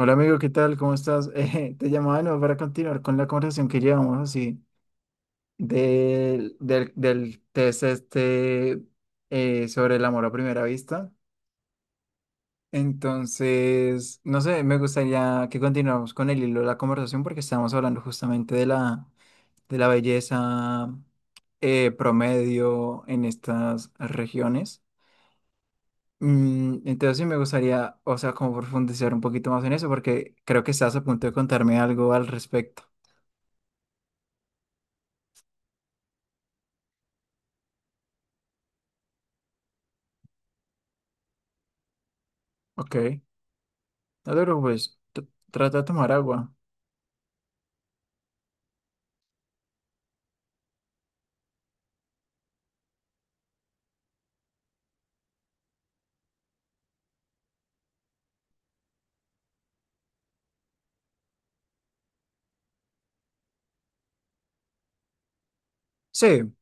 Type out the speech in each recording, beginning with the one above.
Hola amigo, ¿qué tal? ¿Cómo estás? Te llamaba de nuevo para continuar con la conversación que llevamos así del test este, sobre el amor a primera vista. Entonces, no sé, me gustaría que continuáramos con el hilo de la conversación porque estábamos hablando justamente de la belleza, promedio en estas regiones. Entonces sí me gustaría, o sea, como profundizar un poquito más en eso, porque creo que estás a punto de contarme algo al respecto. Ok, no te preocupes, trata de tomar agua. Sí,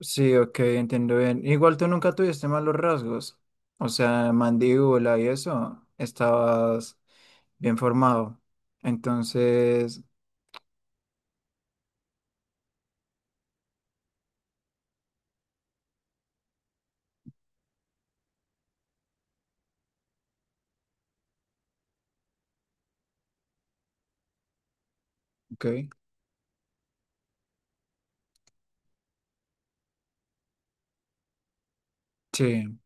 sí, ok, entiendo bien. Igual tú nunca tuviste malos rasgos, o sea, mandíbula y eso, estabas bien formado. Entonces, ok, sí.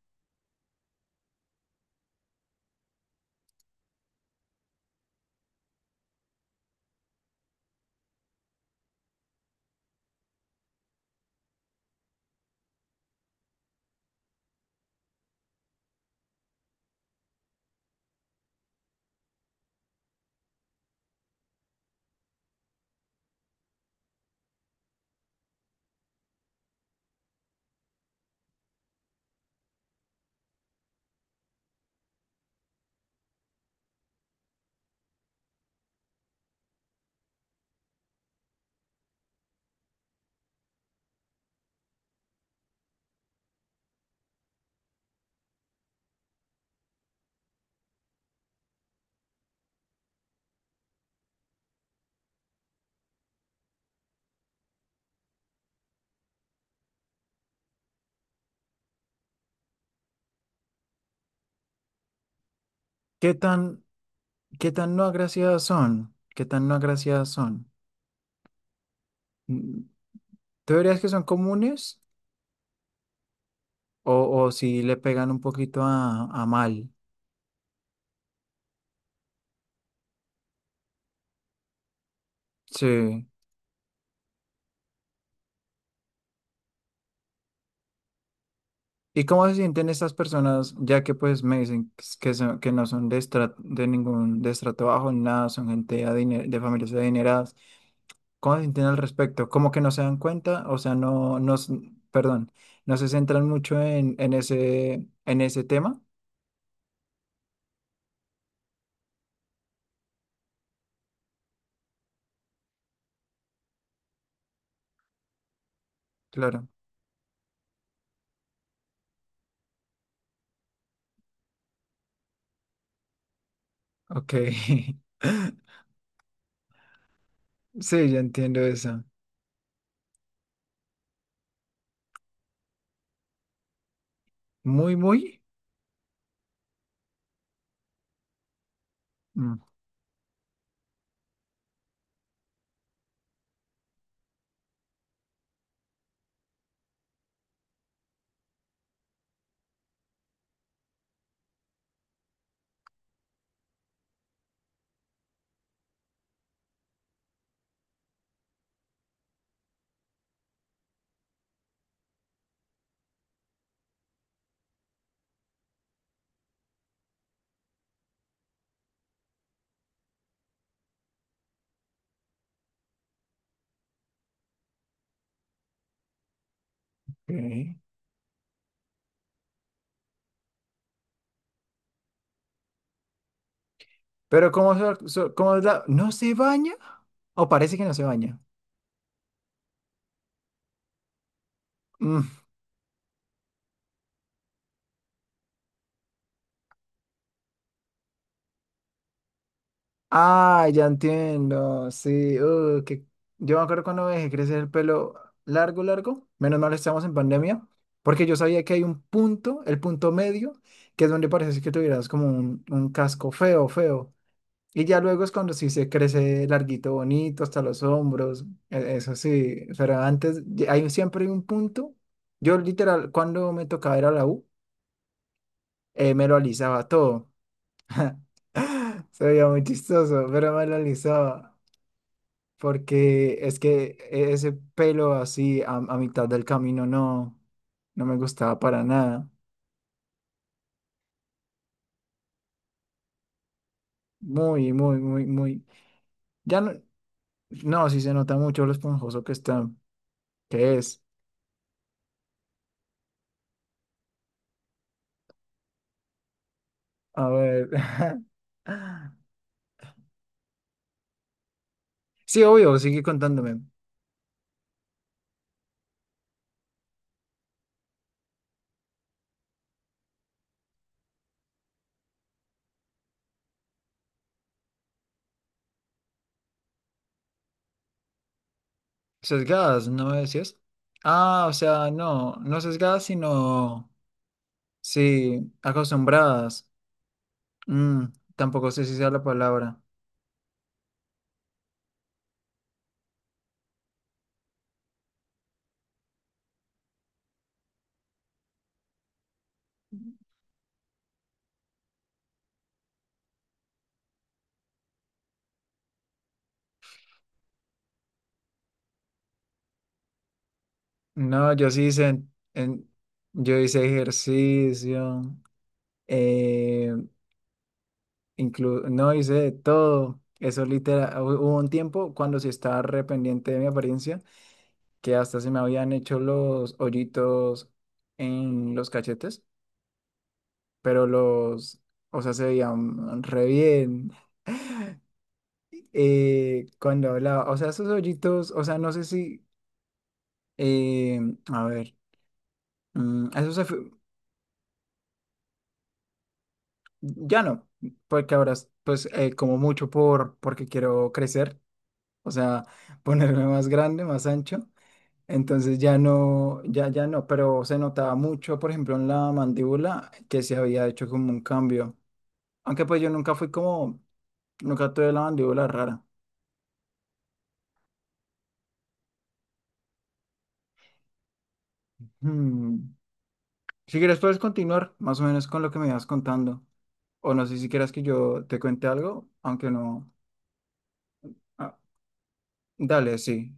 ¿Qué tan, qué tan no agraciadas son? ¿Qué tan no agraciadas son? Mm, ¿Tú dirías que son comunes o si le pegan un poquito a mal? Sí. ¿Y cómo se sienten estas personas, ya que pues me dicen que, que son, que no son de, de ningún de estrato bajo, ni nada, son gente de familias adineradas? ¿Cómo se sienten al respecto? ¿Como que no se dan cuenta? O sea, no, no, perdón, no se centran mucho en ese tema. Claro, ok. Sí, ya entiendo eso. Muy, muy. mm, ok. Pero ¿cómo, cómo es la... ¿No se baña? ¿O parece que no se baña? Ah, ya entiendo. Sí, que yo me acuerdo cuando me dejé crecer el pelo largo, largo. Menos mal estamos en pandemia, porque yo sabía que hay un punto, el punto medio, que es donde parece que tuvieras como un casco feo, feo. Y ya luego es cuando sí se crece larguito, bonito, hasta los hombros. Eso sí, pero antes ya hay siempre un punto. Yo literal, cuando me tocaba ir a la U, me lo alisaba todo. Se veía muy chistoso, pero me lo alisaba. Porque es que ese pelo así a mitad del camino no, no me gustaba para nada. Muy, muy, muy, muy. Ya no, no, sí se nota mucho lo esponjoso que está, que es. A ver. Sí, obvio, sigue contándome. Sesgadas, ¿no me decías? Ah, o sea, no, no sesgadas, sino, sí, acostumbradas. Mm, tampoco sé si sea la palabra. No, yo sí hice, yo hice ejercicio, eh, no hice de todo. Eso literal, hubo un tiempo cuando sí estaba re pendiente de mi apariencia, que hasta se me habían hecho los hoyitos en los cachetes, pero los, o sea, se veían re bien. Cuando hablaba, o sea, esos hoyitos, o sea, no sé si, eh, a ver, esos, ya no, porque ahora pues, como mucho por porque quiero crecer, o sea, ponerme más grande, más ancho. Entonces ya no, ya no, pero se notaba mucho, por ejemplo, en la mandíbula que se había hecho como un cambio. Aunque pues yo nunca fui como, nunca tuve la mandíbula rara. Hmm. Si quieres puedes continuar más o menos con lo que me ibas contando. O no sé si quieras que yo te cuente algo, aunque no. Ah, dale, sí,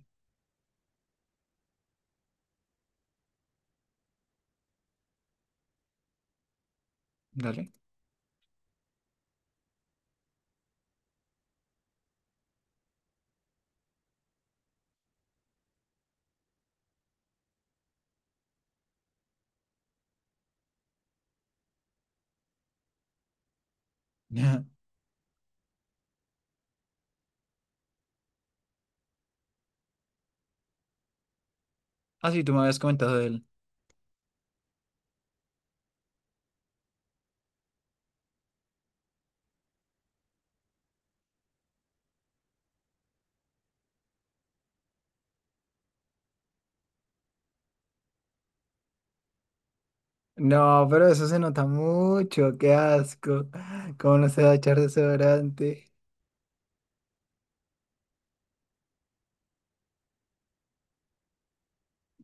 dale. Ah, sí, tú me habías comentado de él. No, pero eso se nota mucho, qué asco. ¿Cómo no se va a echar desodorante?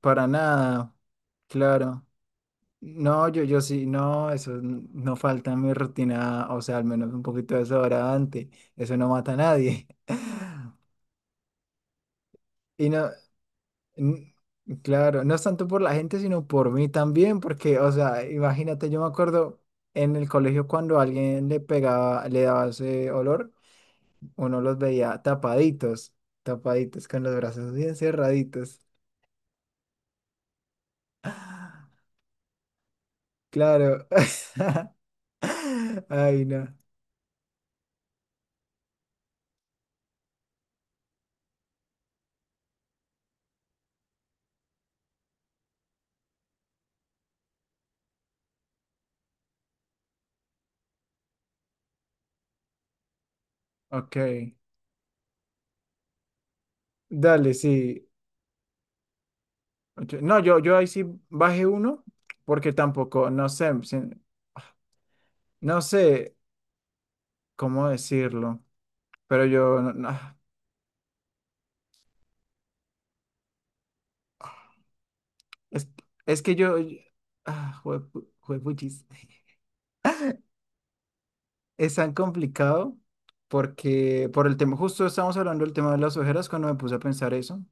Para nada, claro. No, yo sí, no, eso no falta en mi rutina, o sea, al menos un poquito de desodorante. Eso no mata a nadie. Y no, n- claro, no es tanto por la gente, sino por mí también, porque, o sea, imagínate, yo me acuerdo en el colegio cuando alguien le pegaba, le daba ese olor. Uno los veía tapaditos, tapaditos, con los brazos bien cerraditos. Claro. Ay, no. Ok. Dale, sí. Ocho. No, yo ahí sí bajé uno, porque tampoco, no sé, no sé cómo decirlo, pero yo, no- no, ah, es, es que yo- ah, juepu- juepuchis. Es tan complicado porque por el tema, justo estábamos hablando del tema de las ojeras cuando me puse a pensar eso.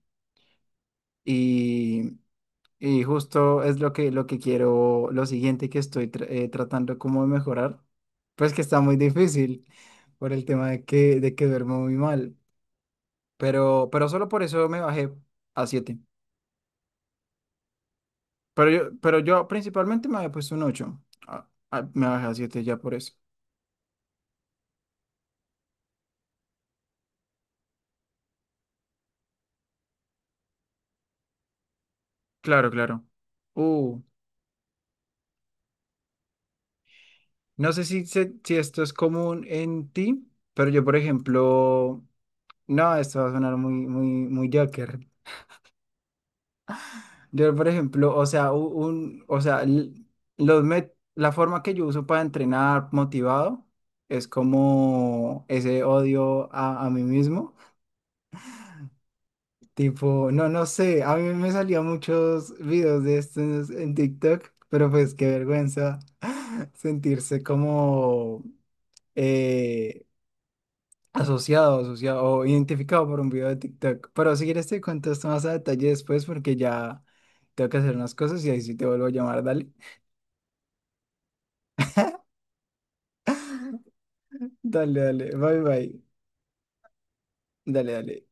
Y, y justo es lo que quiero, lo siguiente que estoy tratando como de mejorar, pues que está muy difícil por el tema de que duermo muy mal, pero solo por eso me bajé a siete, pero yo principalmente me había puesto un ocho. Ah, ah, me bajé a 7 ya por eso. Claro, claro. Uh, no sé si, si esto es común en ti, pero yo, por ejemplo, no, esto va a sonar muy, muy, muy Joker. Yo, por ejemplo, o sea, u- un, o sea, l- los met- la forma que yo uso para entrenar motivado es como ese odio a mí mismo. Tipo, no, no sé, a mí me salían muchos videos de estos en TikTok, pero pues qué vergüenza sentirse como, eh, asociado, asociado o identificado por un video de TikTok. Pero si quieres te cuento esto más a detalle después porque ya tengo que hacer unas cosas y ahí sí te vuelvo a llamar, dale. Dale, dale, bye bye. Dale, dale.